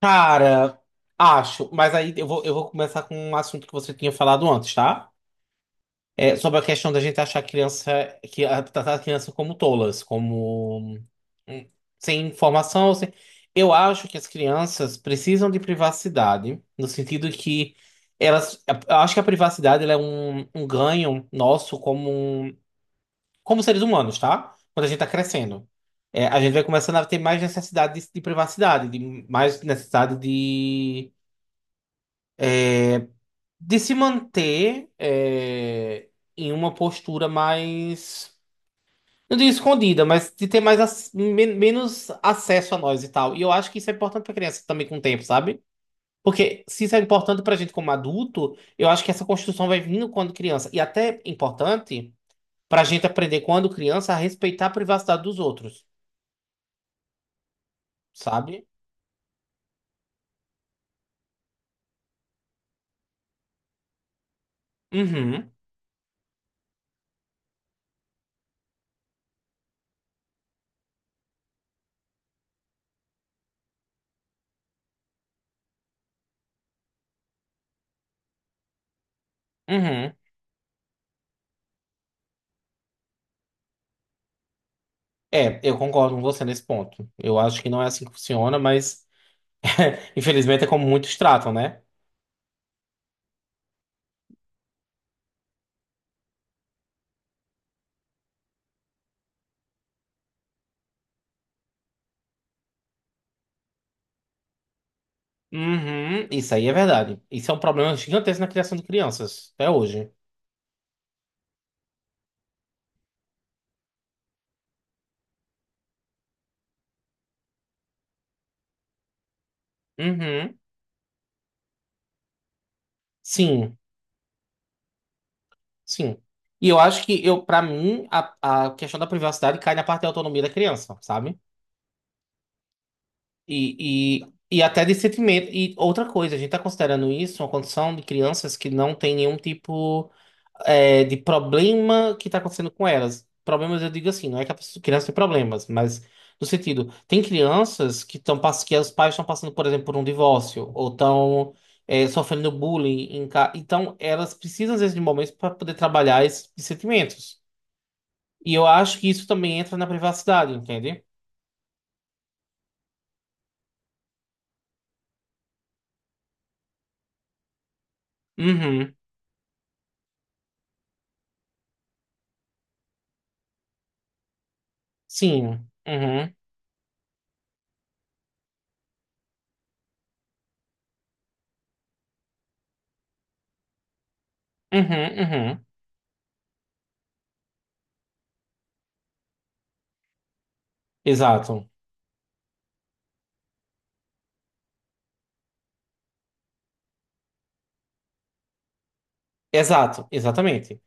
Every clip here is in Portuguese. Cara, acho, mas aí eu vou começar com um assunto que você tinha falado antes, tá? É, sobre a questão da gente achar a criança, que tratar a criança como tolas, como hum, sem informação. Sem... Eu acho que as crianças precisam de privacidade, no sentido que elas, eu acho que a privacidade ela é um ganho nosso como, um, como seres humanos, tá? Quando a gente tá crescendo. É, a gente vai começando a ter mais necessidade de privacidade, de mais necessidade de se manter em uma postura mais. Não digo escondida, mas de ter mais menos acesso a nós e tal. E eu acho que isso é importante pra criança também com o tempo, sabe? Porque se isso é importante pra gente como adulto, eu acho que essa construção vai vindo quando criança. E até importante pra gente aprender quando criança a respeitar a privacidade dos outros, sabe? Uhum, uhum. É, eu concordo com você nesse ponto. Eu acho que não é assim que funciona, mas infelizmente é como muitos tratam, né? Uhum, isso aí é verdade. Isso é um problema gigantesco na criação de crianças, até hoje. Uhum, sim, sim. E eu acho para mim, a questão da privacidade cai na parte da autonomia da criança, sabe? E até de sentimento. E outra coisa, a gente tá considerando isso uma condição de crianças que não tem nenhum tipo, é, de problema que está acontecendo com elas. Problemas, eu digo assim, não é que a criança tem problemas, mas no sentido, tem crianças que estão que os pais estão passando, por exemplo, por um divórcio, ou estão, é, sofrendo bullying em casa. Então, elas precisam, às vezes, de momentos para poder trabalhar esses sentimentos. E eu acho que isso também entra na privacidade, entende? Uhum. Sim. Uhum. Uhum. Exato. Exato. Exatamente.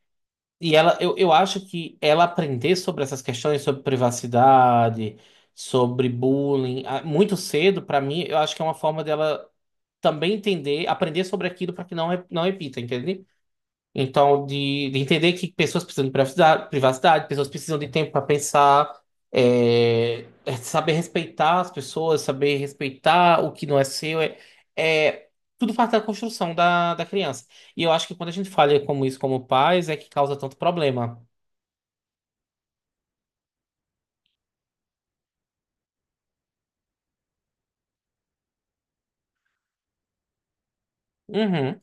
E ela, eu acho que ela aprender sobre essas questões, sobre privacidade, sobre bullying, muito cedo, pra mim, eu acho que é uma forma dela também entender, aprender sobre aquilo para que não repita, entende? Então, de entender que pessoas precisam de privacidade, privacidade, pessoas precisam de tempo para pensar, é, é saber respeitar as pessoas, saber respeitar o que não é seu, é tudo parte da construção da criança. E eu acho que quando a gente falha como isso como pais, é que causa tanto problema. Uhum,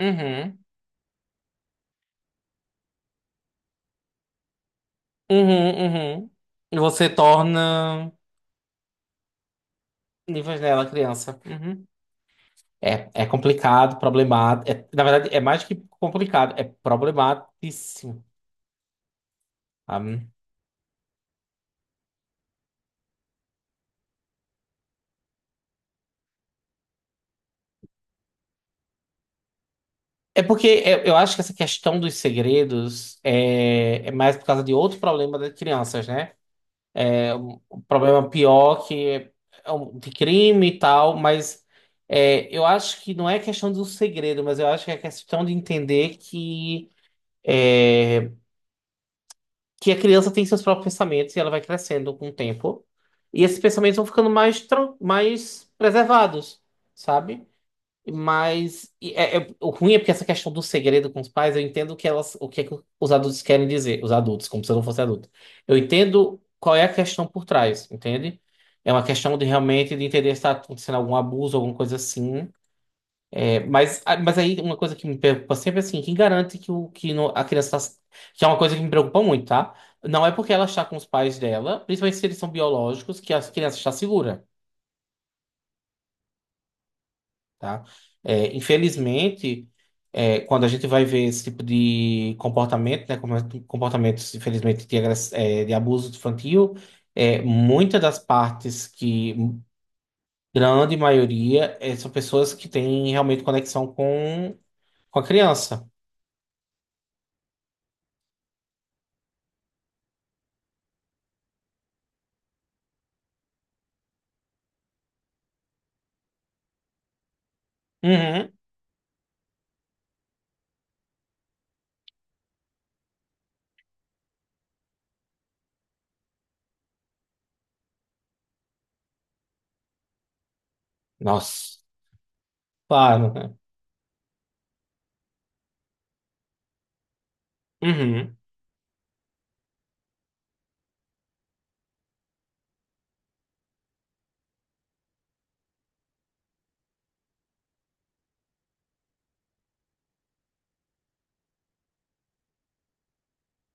uhum, uhum. E você torna níveis dela criança. Uhum. É, é complicado, problemático. É, na verdade, é mais que complicado, é problematíssimo. Sabe? É porque eu acho que essa questão dos segredos é, é mais por causa de outro problema das crianças, né? Um problema pior que é, é de crime e tal, mas é, eu acho que não é questão do segredo, mas eu acho que é questão de entender que, é, que a criança tem seus próprios pensamentos e ela vai crescendo com o tempo. E esses pensamentos vão ficando mais, mais preservados, sabe? Mas o ruim é porque essa questão do segredo com os pais, eu entendo o que elas, o que, é que os adultos querem dizer, os adultos, como se eu não fosse adulto. Eu entendo qual é a questão por trás, entende? É uma questão de realmente de entender se está acontecendo algum abuso, alguma coisa assim. Mas, ah, mas aí uma coisa que me preocupa sempre é assim, quem garante que, que a criança está... Que é uma coisa que me preocupa muito, tá? Não é porque ela está com os pais dela, principalmente se eles são biológicos, que a criança está segura, tá? É, infelizmente, é, quando a gente vai ver esse tipo de comportamento, né? Comportamentos, infelizmente, de, de abuso infantil, é, muitas das partes que... Grande maioria é, são pessoas que têm realmente conexão com a criança. Uhum. Nossa. Claro, né? Uhum,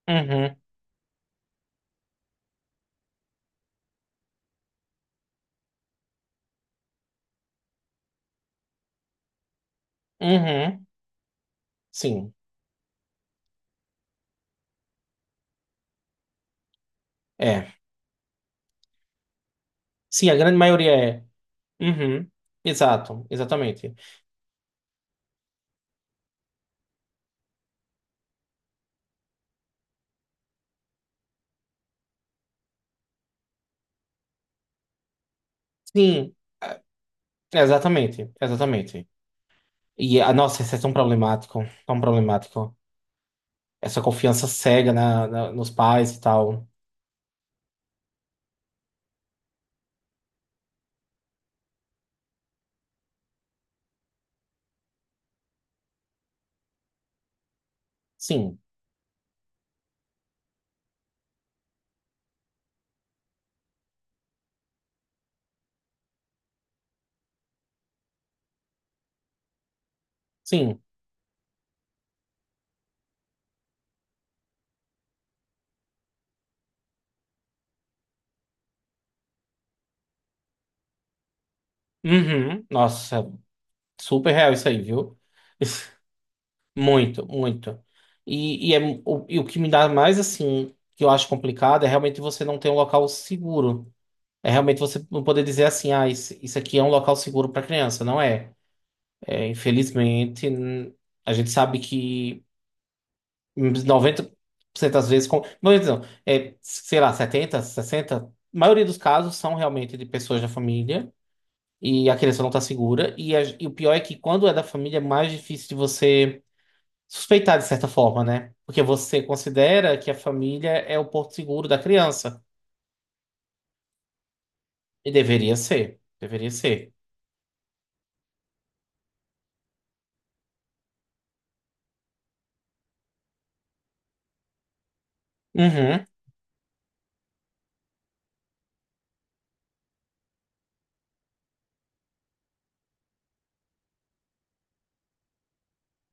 uhum, uhum, sim, é. Sim, a grande maioria é. Uhum, exato, exatamente. Sim, ah, exatamente, exatamente. E, ah, nossa, isso é tão problemático, tão problemático. Essa confiança cega nos pais e tal. Sim, sim. Uhum, nossa, super real isso aí, viu? Muito, muito. E, é, e o que me dá mais, assim, que eu acho complicado é realmente você não ter um local seguro. É realmente você não poder dizer assim, ah, isso aqui é um local seguro para criança, não é. É, infelizmente, a gente sabe que 90% das vezes, com, 90 não, é, sei lá, 70, 60, a maioria dos casos são realmente de pessoas da família e a criança não está segura. E, e o pior é que quando é da família é mais difícil de você suspeitar de certa forma, né? Porque você considera que a família é o porto seguro da criança. E deveria ser, deveria ser. Uhum,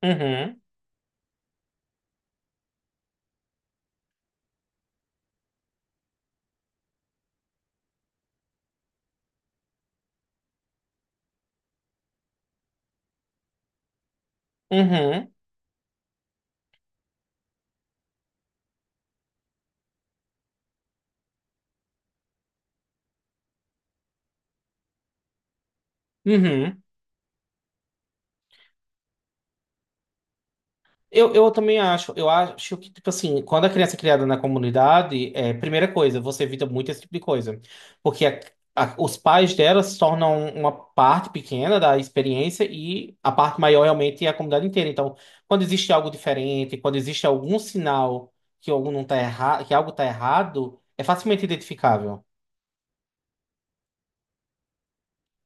uhum, uhum. Uhum. Eu também acho, eu acho que, tipo assim, quando a criança é criada na comunidade, é, primeira coisa, você evita muito esse tipo de coisa. Porque os pais dela se tornam uma parte pequena da experiência e a parte maior realmente é a comunidade inteira. Então, quando existe algo diferente, quando existe algum sinal que algo não tá errado, que algo tá errado, é facilmente identificável,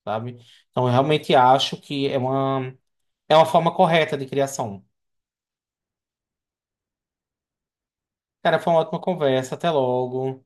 sabe? Então, eu realmente acho que é uma forma correta de criação. Cara, foi uma ótima conversa, até logo.